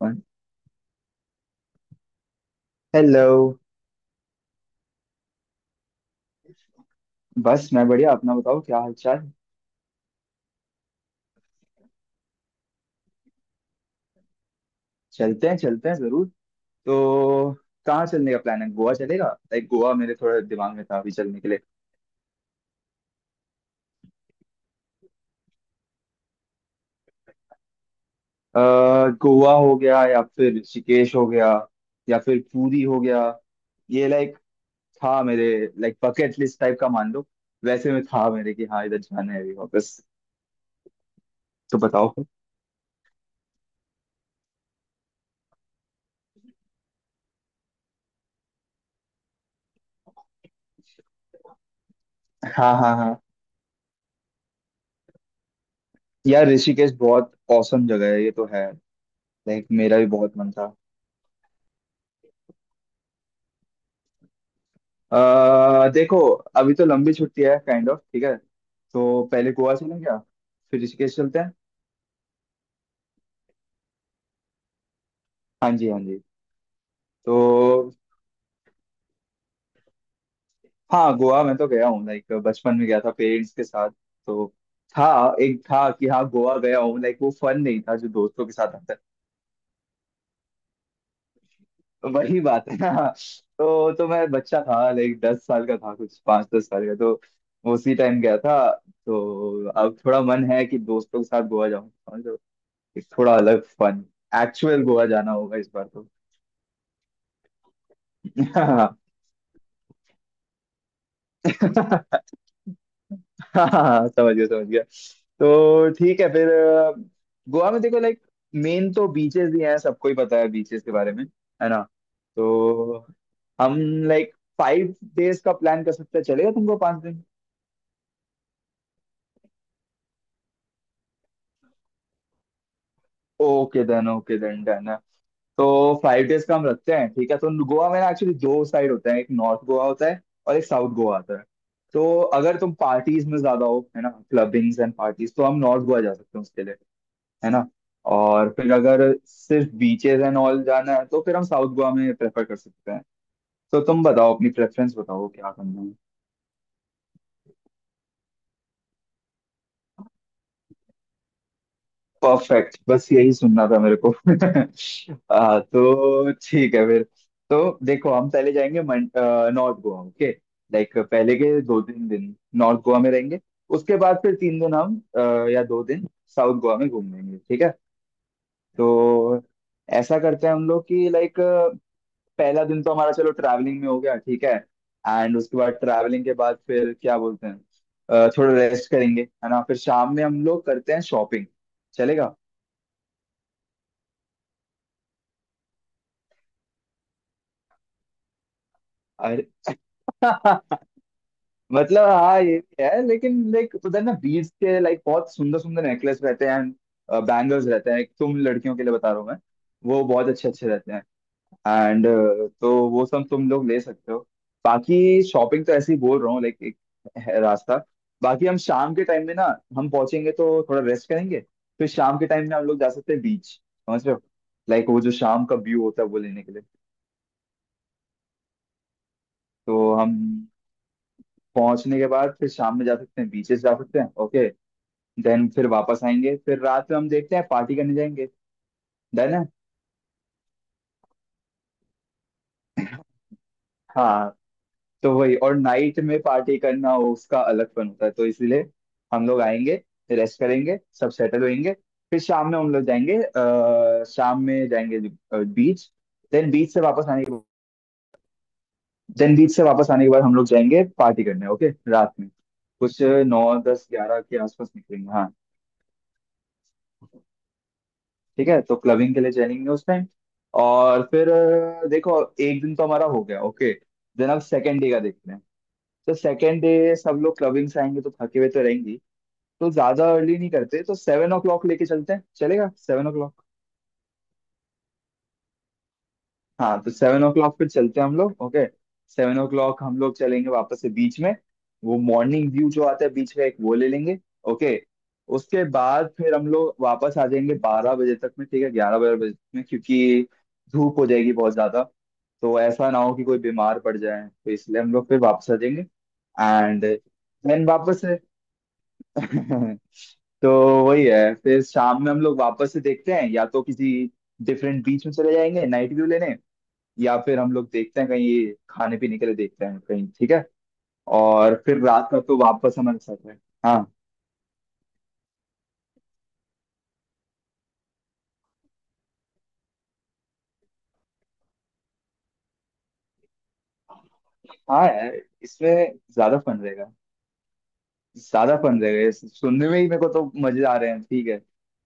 और हेलो। बस, मैं बढ़िया। अपना बताओ, क्या हाल चाल? चलते हैं, चलते हैं जरूर। तो कहाँ चलने का प्लान है? गोवा चलेगा? लाइक गोवा मेरे थोड़ा दिमाग में था अभी चलने के लिए। अह गोवा हो गया या फिर ऋषिकेश हो गया, या फिर पुरी हो गया। ये लाइक था मेरे, लाइक बकेट लिस्ट टाइप का, मान लो। वैसे में था मेरे कि हाँ इधर जाना है अभी वापस, तो बताओ। हाँ, हाँ, हाँ। यार, ऋषिकेश बहुत औसम जगह है, ये तो है। लाइक मेरा भी बहुत मन था। अह देखो, अभी तो लंबी छुट्टी है, काइंड ऑफ। ठीक है, तो पहले गोवा चलें क्या? फिर ऋषिकेश चलते हैं। हाँ जी, हाँ जी। तो हाँ, गोवा मैं तो गया हूँ, लाइक बचपन में गया था पेरेंट्स के साथ। तो था, एक था कि हाँ गोवा गया हूँ, लाइक वो फन नहीं था जो दोस्तों के साथ आता है। तो वही बात है ना। तो मैं बच्चा था, लाइक 10 साल का था, कुछ पाँच दस साल का। तो उसी टाइम गया था। तो अब थोड़ा मन है कि दोस्तों के साथ गोवा जाऊँ, एक थोड़ा अलग फन। एक्चुअल गोवा जाना होगा इस बार तो। हाँ, हाँ, समझ गया, समझ गया। तो ठीक है फिर। गोवा में देखो, लाइक मेन तो बीचेस ही हैं, सबको ही पता है बीचेस के बारे में, है ना। तो हम लाइक 5 डेज का प्लान कर सकते हैं, चलेगा तुमको? 5 दिन। Okay then, okay then, done. तो 5 डेज का हम रखते हैं, ठीक है। तो गोवा में ना, एक्चुअली 2 साइड होता है। एक नॉर्थ गोवा होता है और एक साउथ गोवा आता है। तो अगर तुम पार्टीज में ज्यादा हो, है ना, क्लबिंग्स एंड पार्टीज, तो हम नॉर्थ गोवा जा सकते हैं उसके लिए, है ना। और फिर अगर सिर्फ बीचेस एंड ऑल जाना है, तो फिर हम साउथ गोवा में प्रेफर कर सकते हैं। तो तुम बताओ, अपनी प्रेफरेंस बताओ, क्या करना है। परफेक्ट, बस यही सुनना था मेरे को। तो ठीक है फिर। तो देखो हम पहले जाएंगे नॉर्थ गोवा, ओके। लाइक पहले के 2-3 दिन नॉर्थ गोवा में रहेंगे। उसके बाद फिर 3 दिन हम या 2 दिन साउथ गोवा में घूम लेंगे, ठीक है। तो ऐसा करते हैं हम लोग कि लाइक, पहला दिन तो हमारा चलो ट्रैवलिंग में हो गया, ठीक है। एंड उसके बाद, ट्रैवलिंग के बाद फिर क्या बोलते हैं, थोड़ा रेस्ट करेंगे, है ना। फिर शाम में हम लोग करते हैं शॉपिंग, चलेगा। मतलब, हाँ ये भी है, लेकिन लाइक उधर ना बीट्स के लाइक बहुत सुंदर सुंदर नेकलेस रहते हैं एंड बैंगल्स रहते हैं, तुम लड़कियों के लिए बता रहा हूँ मैं, वो बहुत अच्छे अच्छे रहते हैं एंड, तो वो सब तुम लोग ले सकते हो। बाकी शॉपिंग तो ऐसे ही बोल रहा हूँ, लाइक एक है रास्ता। बाकी हम शाम के टाइम में ना, हम पहुंचेंगे तो थोड़ा रेस्ट करेंगे। फिर शाम के टाइम में हम लोग जा सकते हैं बीच, समझ रहे हो, लाइक वो जो शाम का व्यू होता है वो लेने के लिए। तो हम पहुंचने के बाद फिर शाम में जा सकते हैं बीचेस, जा सकते हैं ओके। देन फिर वापस आएंगे, फिर रात में हम देखते हैं पार्टी करने जाएंगे, डन है। हाँ, तो वही। और नाइट में पार्टी करना वो उसका अलग फन होता है, तो इसीलिए हम लोग आएंगे, रेस्ट करेंगे, सब सेटल होएंगे। फिर शाम में हम लोग जाएंगे, शाम में जाएंगे बीच। देन बीच से वापस आने के देन बीच से वापस आने के बाद हम लोग जाएंगे पार्टी करने, ओके, रात में कुछ। 9-10-11 के आसपास निकलेंगे, हाँ। ठीक है, तो क्लबिंग के लिए चलेंगे उस टाइम। और फिर देखो, एक दिन तो हमारा हो गया, ओके। देन अब सेकेंड डे का देखते हैं। तो सेकेंड डे सब लोग क्लबिंग से आएंगे तो थके हुए तो रहेंगी, तो ज्यादा अर्ली नहीं करते, तो 7 o'clock लेके चलते हैं, चलेगा सेवन ओ। हाँ, तो 7 o'clock पे चलते हैं हम लोग, ओके। 7 o'clock हम लोग चलेंगे वापस से बीच में। वो मॉर्निंग व्यू जो आता है बीच में एक, वो ले लेंगे, ओके। उसके बाद फिर हम लोग वापस आ जाएंगे 12 बजे तक में, ठीक है, 11-12 बजे तक में, क्योंकि धूप हो जाएगी बहुत ज्यादा। तो ऐसा ना हो कि कोई बीमार पड़ जाए, तो इसलिए हम लोग फिर वापस आ जाएंगे एंड देन वापस से। तो वही है, फिर शाम में हम लोग वापस से देखते हैं, या तो किसी डिफरेंट बीच में चले जाएंगे नाइट व्यू लेने, या फिर हम लोग देखते हैं कहीं खाने पीने के लिए, देखते हैं कहीं, ठीक है। और फिर रात का तो वापस हमारे साथ है। हाँ, हाँ, यार, इसमें ज्यादा फन रहेगा, ज्यादा फन रहेगा ये सुनने में ही मेरे को तो मजे आ रहे हैं, ठीक है।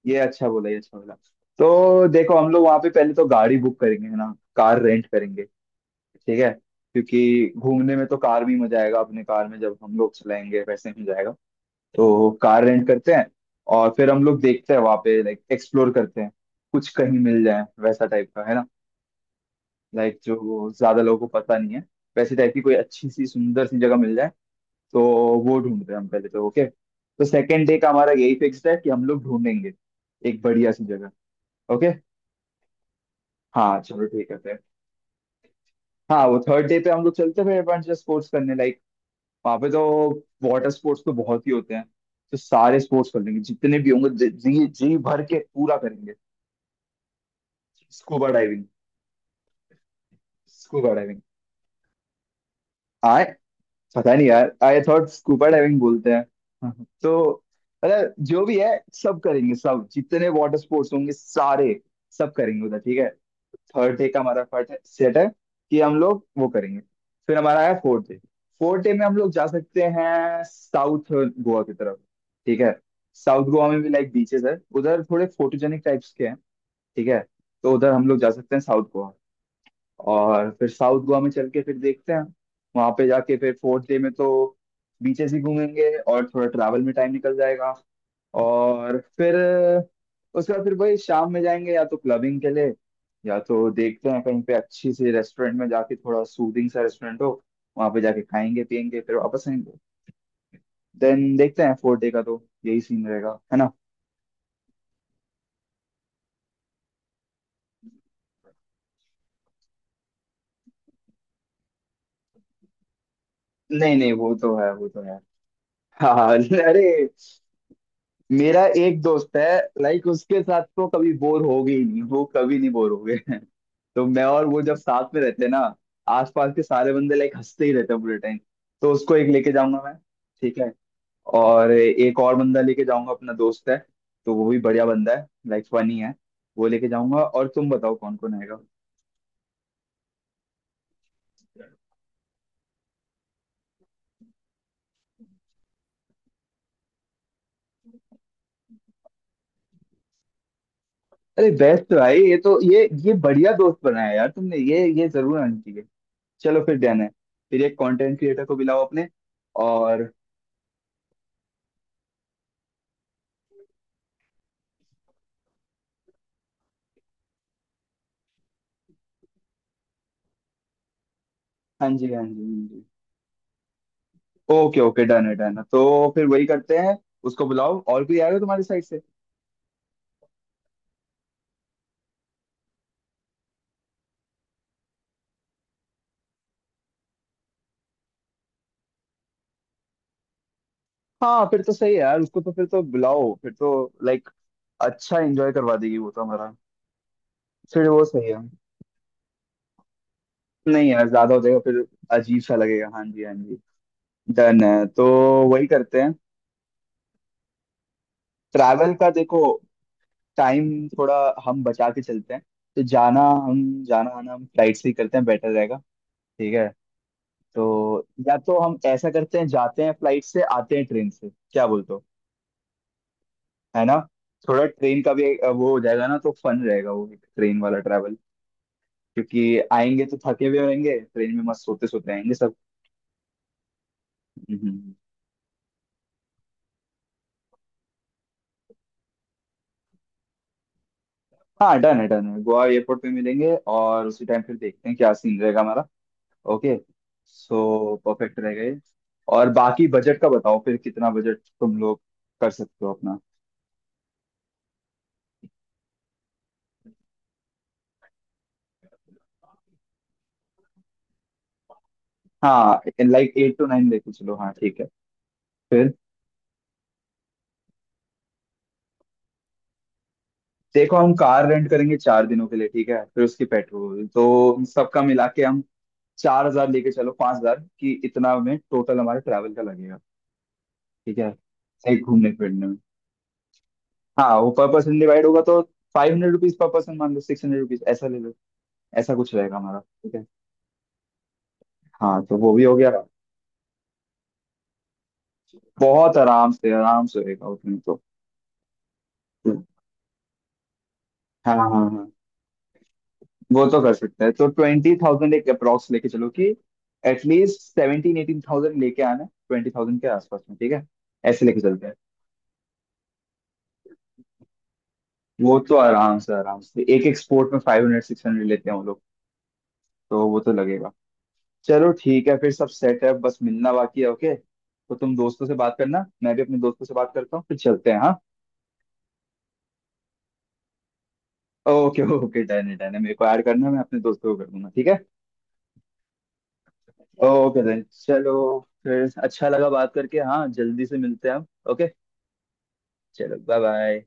ये अच्छा बोला, ये अच्छा बोला। तो देखो हम लोग वहाँ पे पहले तो गाड़ी बुक करेंगे, है ना, कार रेंट करेंगे, ठीक है। क्योंकि घूमने में तो कार भी मजा आएगा, अपने कार में जब हम लोग चलाएंगे वैसे ही मजा आएगा। तो कार रेंट करते हैं। और फिर हम लोग देखते हैं वहां पे, लाइक एक्सप्लोर करते हैं, कुछ कहीं मिल जाए वैसा टाइप का, है ना। लाइक जो ज्यादा लोगों को पता नहीं है, वैसी टाइप की कोई अच्छी सी सुंदर सी जगह मिल जाए, तो वो ढूंढते हैं हम पहले तो, ओके। तो सेकेंड डे का हमारा यही फिक्स्ड है कि हम लोग ढूंढेंगे एक बढ़िया सी जगह, ओके। हाँ चलो ठीक है फिर। हाँ वो थर्ड डे पे हम लोग चलते हैं फिर एडवेंचर स्पोर्ट्स करने, लाइक वहां पे तो वाटर स्पोर्ट्स तो बहुत ही होते हैं, तो सारे स्पोर्ट्स कर लेंगे जितने भी होंगे, जी जी जी भर के पूरा करेंगे। Scuba diving. Scuba diving. आए, पता नहीं यार, आई थॉट स्कूबा डाइविंग बोलते हैं। तो मतलब जो भी है सब करेंगे सब, जितने वाटर स्पोर्ट्स होंगे सारे, सब करेंगे उधर, ठीक है। थर्ड डे का हमारा फर्ट है, सेट है कि हम लोग वो करेंगे। फिर हमारा है फोर्थ डे। फोर्थ डे में हम लोग जा सकते हैं साउथ गोवा की तरफ, ठीक है। साउथ गोवा में भी लाइक बीचेस है, उधर थोड़े फोटोजेनिक टाइप्स के हैं, ठीक है। तो उधर हम लोग जा सकते हैं साउथ गोवा। और फिर साउथ गोवा में चल के फिर देखते हैं, वहां पे जाके फिर फोर्थ डे में तो बीचेस ही घूमेंगे, और थोड़ा ट्रैवल में टाइम निकल जाएगा। और फिर उसके बाद फिर वही, शाम में जाएंगे या तो क्लबिंग के लिए, या तो देखते हैं कहीं पे अच्छी सी रेस्टोरेंट में जाके, थोड़ा सूदिंग सा रेस्टोरेंट हो, वहां पे जाके खाएंगे पियेंगे फिर वापस आएंगे, देन देखते हैं। फोर्थ डे का तो यही सीन रहेगा, है ना। नहीं, नहीं, वो तो है, वो तो है। हाँ, अरे, मेरा एक दोस्त है, लाइक उसके साथ तो कभी बोर होगे ही नहीं, वो कभी नहीं बोर होगे। तो मैं और वो जब साथ में रहते हैं ना, आसपास के सारे बंदे लाइक हंसते ही रहते हैं पूरे टाइम। तो उसको एक लेके जाऊंगा मैं, ठीक है। और एक और बंदा लेके जाऊंगा, अपना दोस्त है, तो वो भी बढ़िया बंदा है, लाइक फनी है, वो लेके जाऊंगा। और तुम बताओ कौन कौन आएगा। अरे बेस्ट भाई, ये तो ये बढ़िया दोस्त बनाया यार तुमने, ये जरूर आनी चाहिए। चलो फिर डन है। फिर एक कंटेंट क्रिएटर को बुलाओ अपने, और। हाँ जी, हाँ जी, हाँ जी। ओके ओके, डन है डन है, तो फिर वही करते हैं, उसको बुलाओ। और कोई आएगा तुम्हारी साइड से? हाँ फिर तो सही है यार, उसको तो फिर तो बुलाओ फिर तो, लाइक अच्छा एंजॉय करवा देगी वो तो हमारा। फिर वो सही है, नहीं यार ज्यादा हो जाएगा फिर, अजीब सा लगेगा। हाँ जी, हाँ जी, डन है तो वही करते हैं। ट्रैवल का देखो, टाइम थोड़ा हम बचा के चलते हैं। तो जाना, हम जाना आना हम फ्लाइट से ही करते हैं बेटर रहेगा, ठीक है। तो या तो हम ऐसा करते हैं, जाते हैं फ्लाइट से, आते हैं ट्रेन से, क्या बोलते हो, है ना। थोड़ा ट्रेन का भी एक, वो हो जाएगा ना, तो फन रहेगा वो, एक ट्रेन वाला ट्रैवल, क्योंकि आएंगे तो थके हुए रहेंगे, ट्रेन में मस्त सोते सोते आएंगे सब। हम्म, हम्म। हाँ, डन है डन है, गोवा एयरपोर्ट पे मिलेंगे, और उसी टाइम फिर देखते हैं क्या सीन रहेगा हमारा, ओके। सो परफेक्ट रहेगा ये। और बाकी बजट का बताओ फिर, कितना बजट तुम लोग कर सकते हो अपना। हाँ लाइक 8 to 9 लेके चलो, हाँ ठीक है फिर। देखो हम कार रेंट करेंगे 4 दिनों के लिए, ठीक है। फिर उसकी पेट्रोल तो इन सबका मिला के हम 4,000 लेके चलो, 5,000 की, इतना में टोटल हमारे ट्रैवल का लगेगा, ठीक है, एक घूमने फिरने में। हाँ वो पर पर्सन डिवाइड होगा तो, 500 रुपीज पर पर्सन मान लो, 600 रुपीज, ऐसा ले लो, ऐसा कुछ रहेगा हमारा, ठीक है। हाँ तो वो भी हो गया। बहुत आराम से रहेगा उसमें तो। हाँ, हाँ, हाँ। वो तो कर सकते हैं, तो 20,000 एक अप्रोक्स लेके चलो, कि एटलीस्ट 17-18 थाउजेंड लेके आना, 20,000 के आसपास में, ठीक है। ऐसे लेके चलते हैं। वो तो आराम से एक एक स्पोर्ट में 500-600 लेते हैं वो लोग, तो वो तो लगेगा। चलो ठीक है फिर, सब सेट है, बस मिलना बाकी है, ओके। तो तुम दोस्तों से बात करना, मैं भी अपने दोस्तों से बात करता हूँ, फिर चलते हैं, हाँ। ओके ओके, डन है डन है, मेरे को ऐड करना है, मैं अपने दोस्तों को कर दूंगा, ठीक है। ओके डन, चलो, फिर अच्छा लगा बात करके, हाँ, जल्दी से मिलते हैं हम, ओके, चलो, बाय बाय।